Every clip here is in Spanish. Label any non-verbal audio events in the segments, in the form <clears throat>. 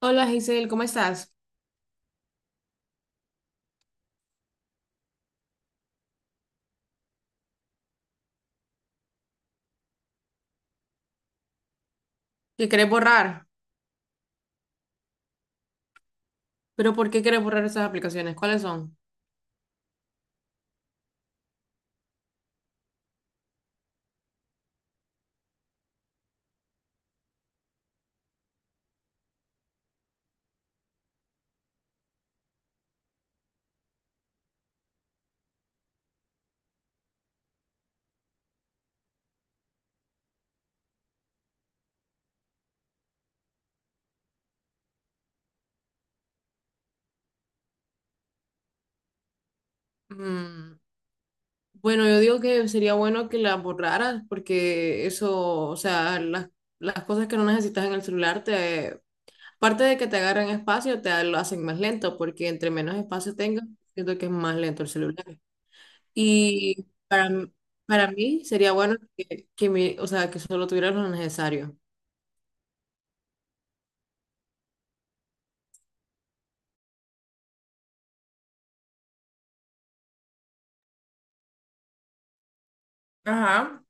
Hola Giselle, ¿cómo estás? ¿Qué querés borrar? ¿Pero por qué querés borrar esas aplicaciones? ¿Cuáles son? Mm, bueno, yo digo que sería bueno que las borraras porque eso, o sea, las cosas que no necesitas en el celular, te, aparte de que te agarran espacio, te lo hacen más lento porque entre menos espacio tengas, siento que es más lento el celular. Y para, para mí sería bueno que, o sea, que solo tuvieras lo necesario. Ajá.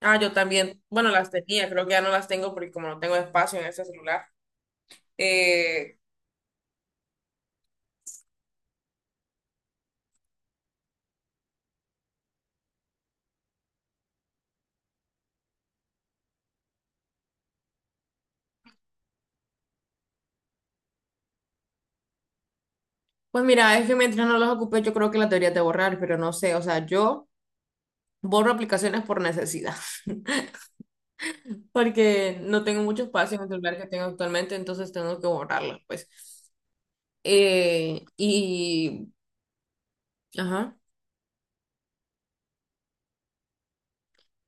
Ah, yo también, bueno, las tenía, creo que ya no las tengo porque como no tengo espacio en ese celular. Eh, Pues mira, es que mientras no las ocupé, yo creo que las deberías de borrar, pero no sé, o sea, yo borro aplicaciones por necesidad, <laughs> porque no tengo mucho espacio en el celular que tengo actualmente, entonces tengo que borrarlas, pues. Eh, y, ajá,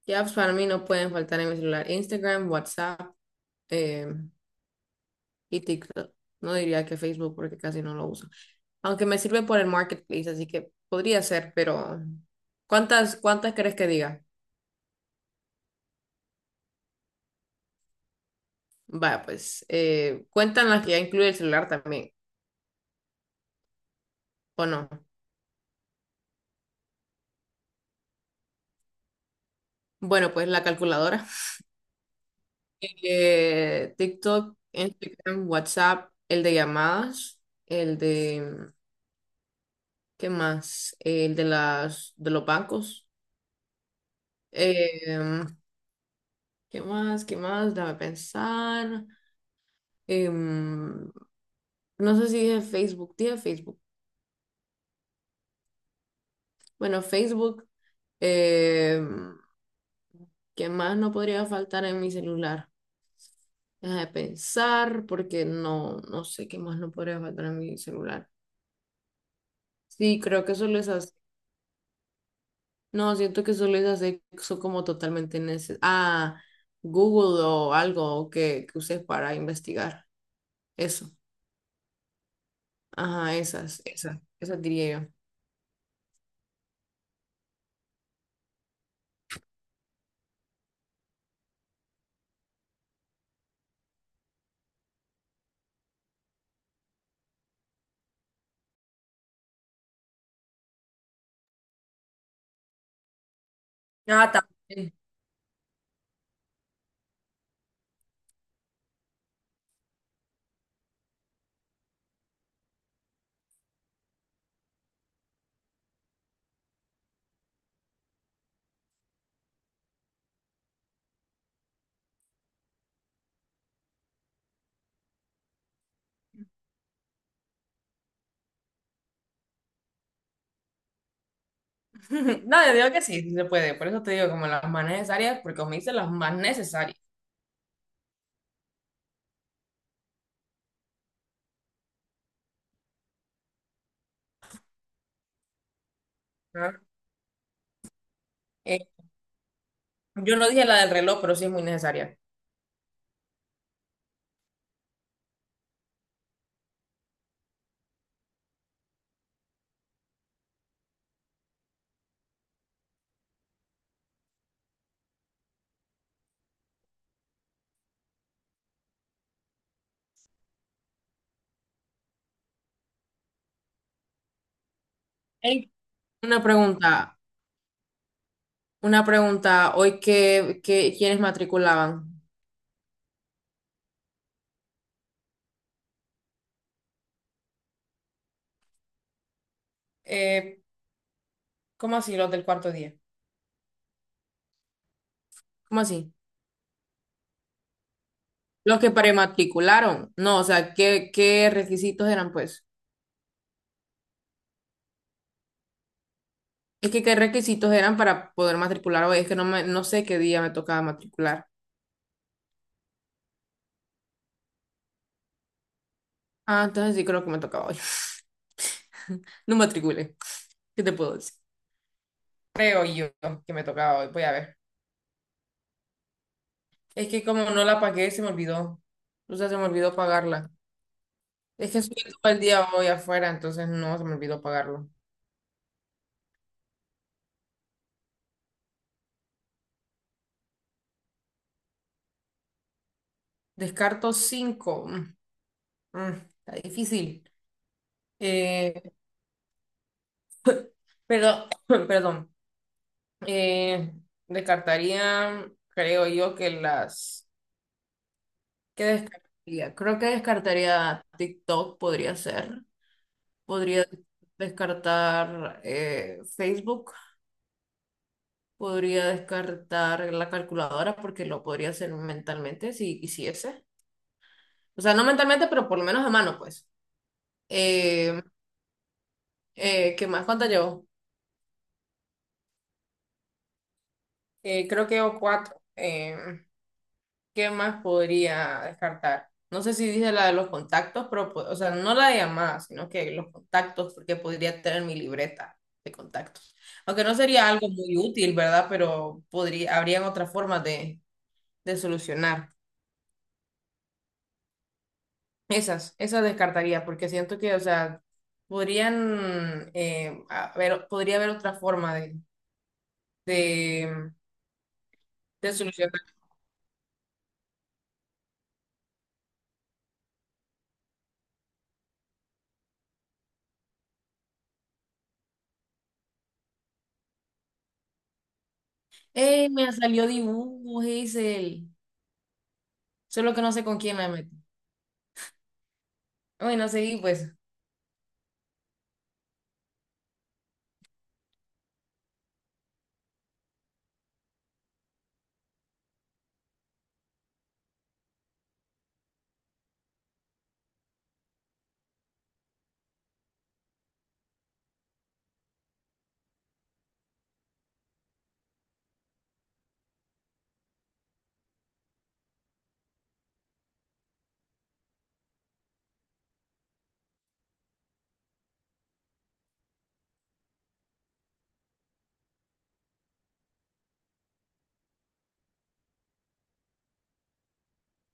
ya apps para mí no pueden faltar en mi celular. Instagram, WhatsApp, eh, y TikTok. No diría que Facebook porque casi no lo uso. Aunque me sirve por el marketplace, así que podría ser, pero ¿cuántas crees que diga? Va, pues cuentan las que ya incluye el celular también, ¿o no? Bueno, pues la calculadora. TikTok, Instagram, WhatsApp, el de llamadas, el de, ¿qué más? El de las, de los bancos. Em, ¿qué más? ¿Qué más? Déjame pensar. Eh, No sé si dije Facebook, dije Facebook. Bueno, Facebook, eh, ¿qué más no podría faltar en mi celular? Deja de pensar porque no, no sé qué más no podría faltar en mi celular. Sí, creo que solo esas, no, siento que solo esas son como totalmente necesarias. Ah, Google o algo que uses para investigar. Eso, ajá, esas diría yo. Ah, también. <laughs> No, yo digo que sí, sí se puede. Por eso te digo como las más necesarias, porque me hice las más necesarias. Ajá. Eh, yo no dije la del reloj, pero sí es muy necesaria. Ey, Una pregunta, una pregunta. Hoy ¿quiénes matriculaban? Eh, ¿Cómo así los del cuarto día? ¿Cómo así? Los que prematricularon. No, o sea, ¿qué, qué requisitos eran, pues? Es que qué requisitos eran para poder matricular hoy. Es que no sé qué día me tocaba matricular. Ah, entonces sí creo que me tocaba hoy. <laughs> No matriculé. ¿Qué te puedo decir? Creo yo que me tocaba hoy. Voy a ver. Es que como no la pagué, se me olvidó. O sea, se me olvidó pagarla. Es que estuve todo el día hoy afuera, entonces no, se me olvidó pagarlo. Descarto 5. Está difícil. Eh, pero, <clears throat> perdón. Eh, descartaría, creo yo que las... ¿Qué descartaría? Creo que descartaría TikTok, podría ser. Podría descartar Facebook. Podría descartar la calculadora porque lo podría hacer mentalmente si quisiese. O sea, no mentalmente, pero por lo menos a mano, pues. Eh, ¿Qué más? ¿Cuánto llevo? Creo que llevo cuatro. ¿Qué más podría descartar? No sé si dije la de los contactos, pero, o sea, no la de llamadas, sino que los contactos, porque podría tener mi libreta de contactos. Aunque no sería algo muy útil, ¿verdad? Pero podría, habrían otras formas de solucionar. Esas descartaría, porque siento que, o sea, podrían haber, podría haber otra forma de, de solucionar. ¡Ey! Me salió dibujo, Hazel. Solo que no sé con quién me metí. Bueno, seguí, pues,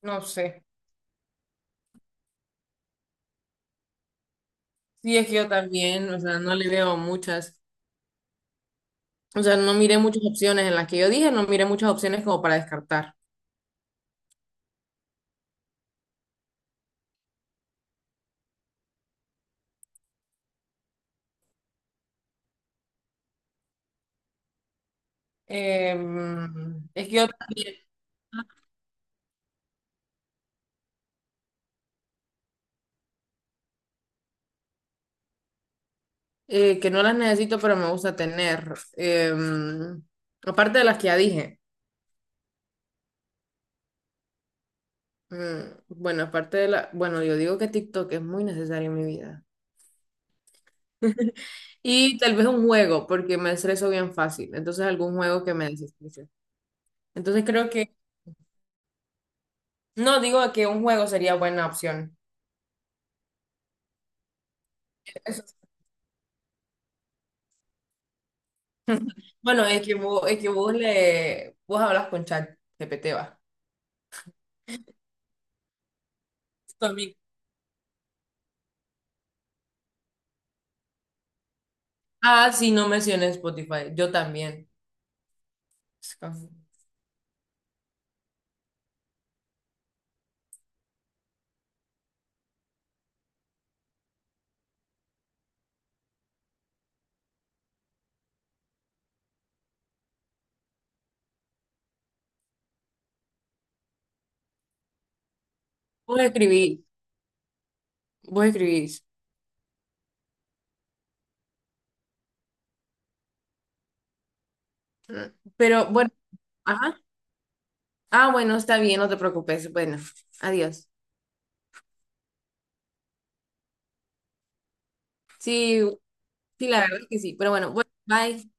no sé. Sí, es que yo también, o sea, no le veo muchas. O sea, no miré muchas opciones en las que yo dije, no miré muchas opciones como para descartar. Em, es que yo también, que no las necesito, pero me gusta tener. Em, aparte de las que ya dije. Mm, bueno, aparte de la, bueno, yo digo que TikTok es muy necesario en mi vida. Y tal vez un juego, porque me estreso bien fácil. Entonces, algún juego que me desestrese. Entonces, creo que, no digo que un juego sería buena opción. Eso. Bueno, es que vos le, vos hablas con ChatGPT, va. También. Ah, sí, no mencioné Spotify. Yo también. Vos escribís, vos escribís. Mm, pero bueno, ajá. Ah, bueno, está bien, no te preocupes. Bueno, adiós. Sí. Sí, la verdad es que sí. Pero bueno, bueno, bye.